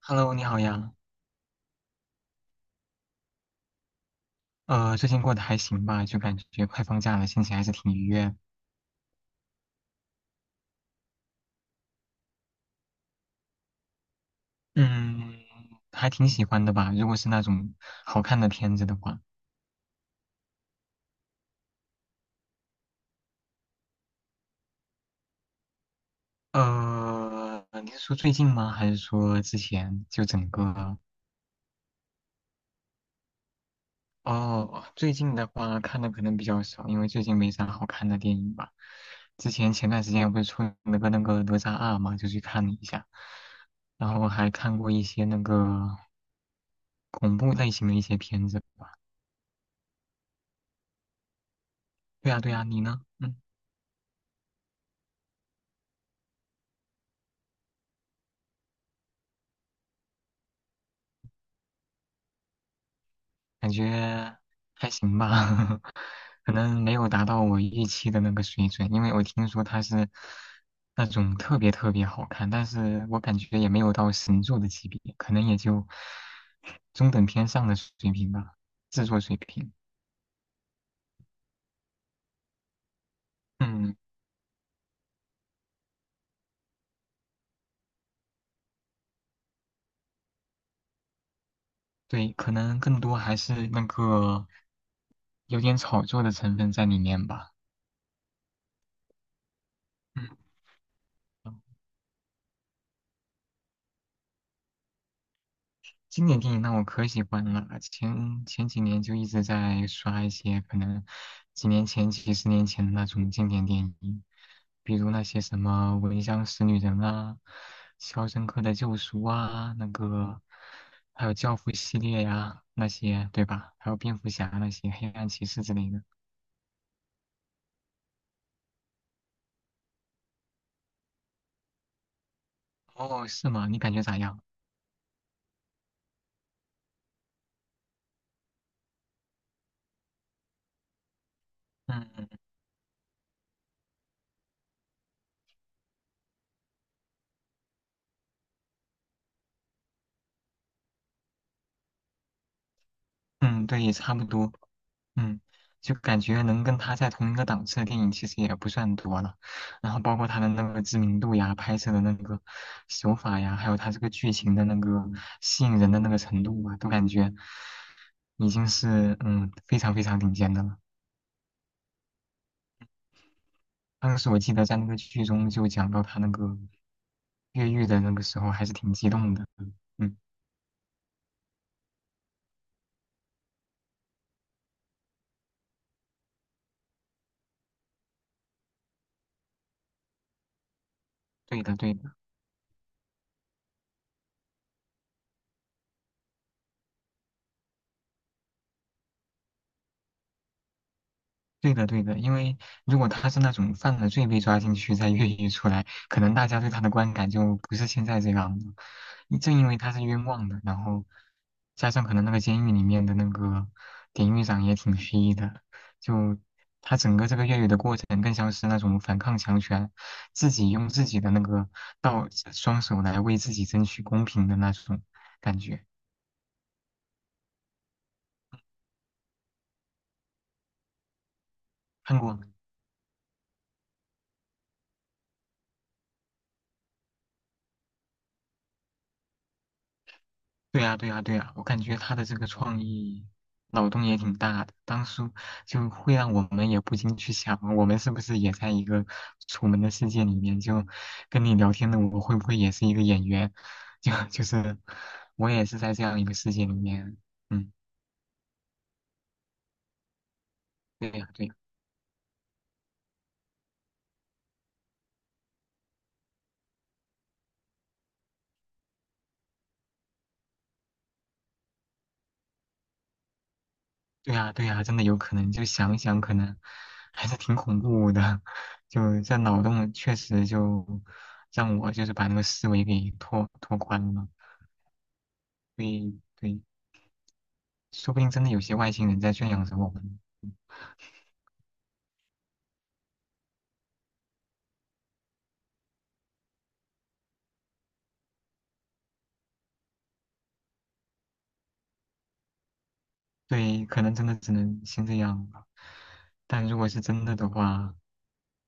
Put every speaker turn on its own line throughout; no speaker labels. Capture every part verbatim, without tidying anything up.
Hello，你好呀。呃，最近过得还行吧，就感觉快放假了，心情还是挺愉悦。嗯，还挺喜欢的吧。如果是那种好看的片子的话，呃，你是说最近吗？还是说之前就整个？哦，最近的话看的可能比较少，因为最近没啥好看的电影吧。之前前段时间不是出了个那个哪吒二嘛，就去看了一下，然后还看过一些那个恐怖类型的一些片子。对呀，对呀，你呢？嗯。感觉还行吧，可能没有达到我预期的那个水准，因为我听说它是那种特别特别好看，但是我感觉也没有到神作的级别，可能也就中等偏上的水平吧，制作水平。嗯，对，可能更多还是那个有点炒作的成分在里面吧。嗯。经典电影那我可喜欢了，前前几年就一直在刷一些可能几年前、几十年前的那种经典电影，比如那些什么《闻香识女人》啊，《肖申克的救赎》啊，那个还有《教父》系列呀、那些对吧？还有蝙蝠侠那些、黑暗骑士之类的。哦，是吗？你感觉咋样？嗯嗯，对，差不多。嗯，就感觉能跟他在同一个档次的电影其实也不算多了，然后包括他的那个知名度呀、拍摄的那个手法呀，还有他这个剧情的那个吸引人的那个程度啊，都感觉已经是嗯非常非常顶尖的了。当时我记得在那个剧中就讲到他那个越狱的那个时候，还是挺激动的。嗯，对的对的。对的，对的，因为如果他是那种犯了罪被抓进去再越狱出来，可能大家对他的观感就不是现在这样了。你正因为他是冤枉的，然后加上可能那个监狱里面的那个典狱长也挺黑的，就他整个这个越狱的过程更像是那种反抗强权，自己用自己的那个道双手来为自己争取公平的那种感觉。看过吗？对呀，对呀，对呀，我感觉他的这个创意脑洞也挺大的，当初就会让我们也不禁去想，我们是不是也在一个楚门的世界里面？就跟你聊天的我会不会也是一个演员？就就是我也是在这样一个世界里面。嗯，对呀，对呀，对呀，对呀，真的有可能。就想一想，可能还是挺恐怖的。就这脑洞确实就让我就是把那个思维给拓拓宽了。对对。说不定真的有些外星人在圈养着我们。对，可能真的只能先这样吧。但如果是真的的话，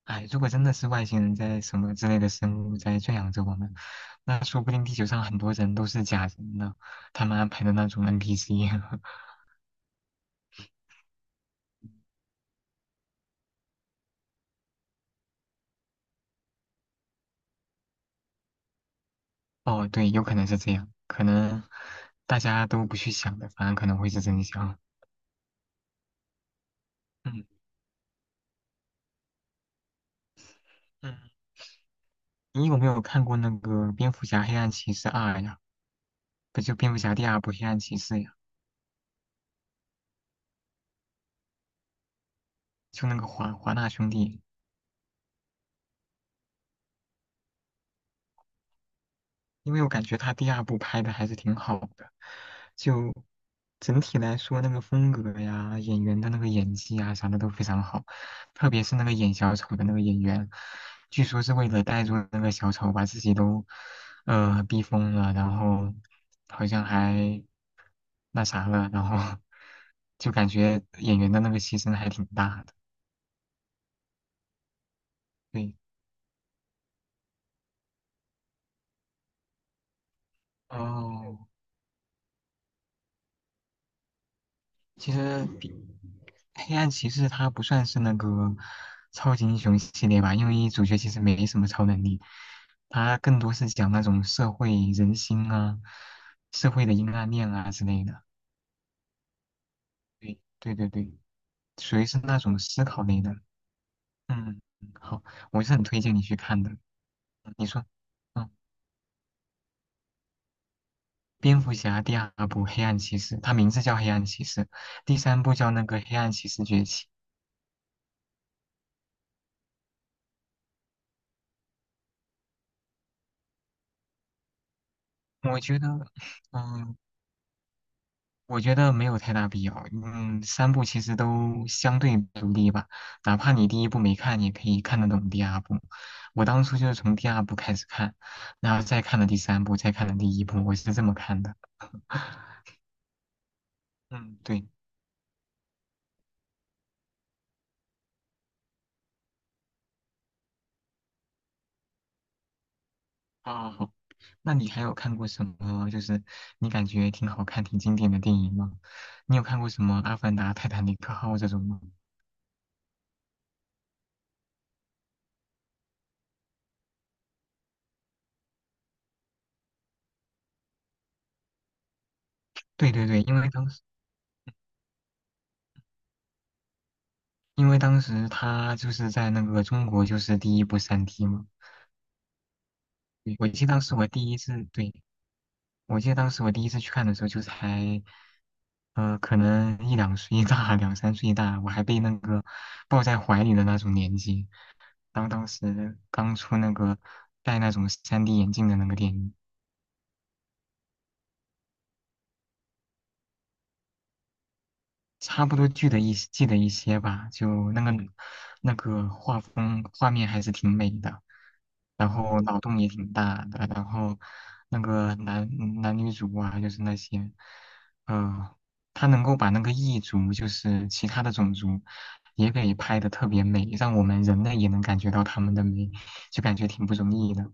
哎，如果真的是外星人在什么之类的生物在圈养着我们，那说不定地球上很多人都是假人呢，他们安排的那种 N P C。哦，对，有可能是这样，可能大家都不去想的，反而可能会是真相。嗯嗯，你有没有看过那个《蝙蝠侠：黑暗骑士二》呀？不就蝙蝠侠第二部《黑暗骑士》呀？就那个华华纳兄弟，因为我感觉他第二部拍的还是挺好的，就整体来说那个风格呀、演员的那个演技啊啥的都非常好，特别是那个演小丑的那个演员，据说是为了带入那个小丑把自己都呃逼疯了，然后好像还那啥了，然后就感觉演员的那个牺牲还挺大的，对。哦，其实比黑暗骑士它不算是那个超级英雄系列吧，因为主角其实没什么超能力，它更多是讲那种社会人心啊、社会的阴暗面啊之类的。对对对对，属于是那种思考类的。嗯，好，我是很推荐你去看的。嗯你说，嗯，蝙蝠侠第二部《黑暗骑士》，它名字叫《黑暗骑士》，第三部叫那个《黑暗骑士崛起》。我觉得，嗯，我觉得没有太大必要。嗯，三部其实都相对独立吧，哪怕你第一部没看，也可以看得懂第二部。我当初就是从第二部开始看，然后再看了第三部，再看了第一部，我是这么看的。嗯，对。啊，好。那你还有看过什么？就是你感觉挺好看、挺经典的电影吗？你有看过什么《阿凡达》《泰坦尼克号》这种吗？对对对，因为当时因为当时他就是在那个中国就是第一部三 d 嘛，对我记得当时我第一次，对，我记得当时我第一次去看的时候，就才，呃，可能一两岁大，两三岁大，我还被那个抱在怀里的那种年纪，当当时刚出那个戴那种 三 D 眼镜的那个电影，差不多记得一记得一些吧，就那个那个画风画面还是挺美的，然后脑洞也挺大的，然后那个男男女主啊，就是那些，呃，他能够把那个异族，就是其他的种族，也给拍的特别美，让我们人类也能感觉到他们的美，就感觉挺不容易的。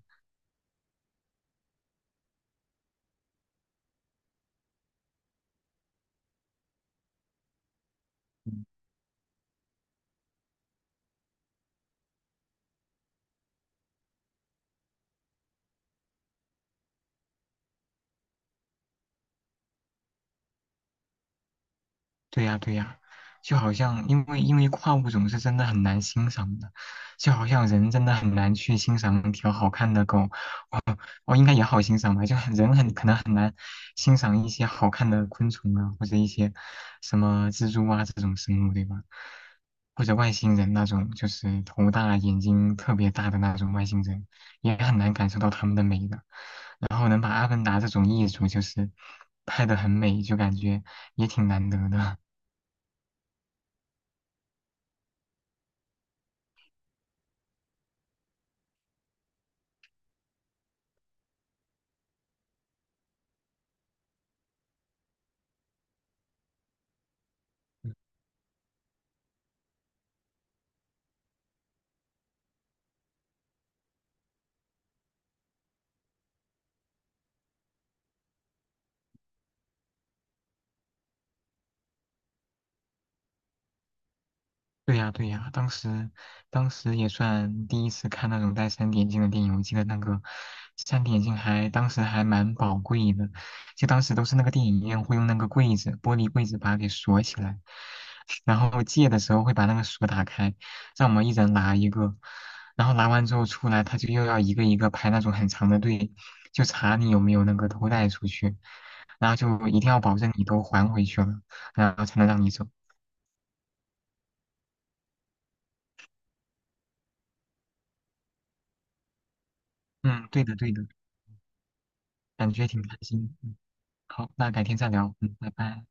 对呀，对呀，就好像因为因为跨物种是真的很难欣赏的，就好像人真的很难去欣赏一条好看的狗，哦，应该也好欣赏吧，就很人很可能很难欣赏一些好看的昆虫啊，或者一些什么蜘蛛啊这种生物，对吧？或者外星人那种，就是头大眼睛特别大的那种外星人，也很难感受到他们的美的。然后能把《阿凡达》这种艺术就是拍的很美，就感觉也挺难得的。对呀，对呀，当时，当时也算第一次看那种带三 d 眼镜的电影。我记得那个三 d 眼镜还当时还蛮宝贵的，就当时都是那个电影院会用那个柜子，玻璃柜子把它给锁起来，然后借的时候会把那个锁打开，让我们一人拿一个，然后拿完之后出来，他就又要一个一个排那种很长的队，就查你有没有那个偷带出去，然后就一定要保证你都还回去了，然后才能让你走。嗯，对的，对的。感觉挺开心。嗯，好，那改天再聊。嗯，拜拜。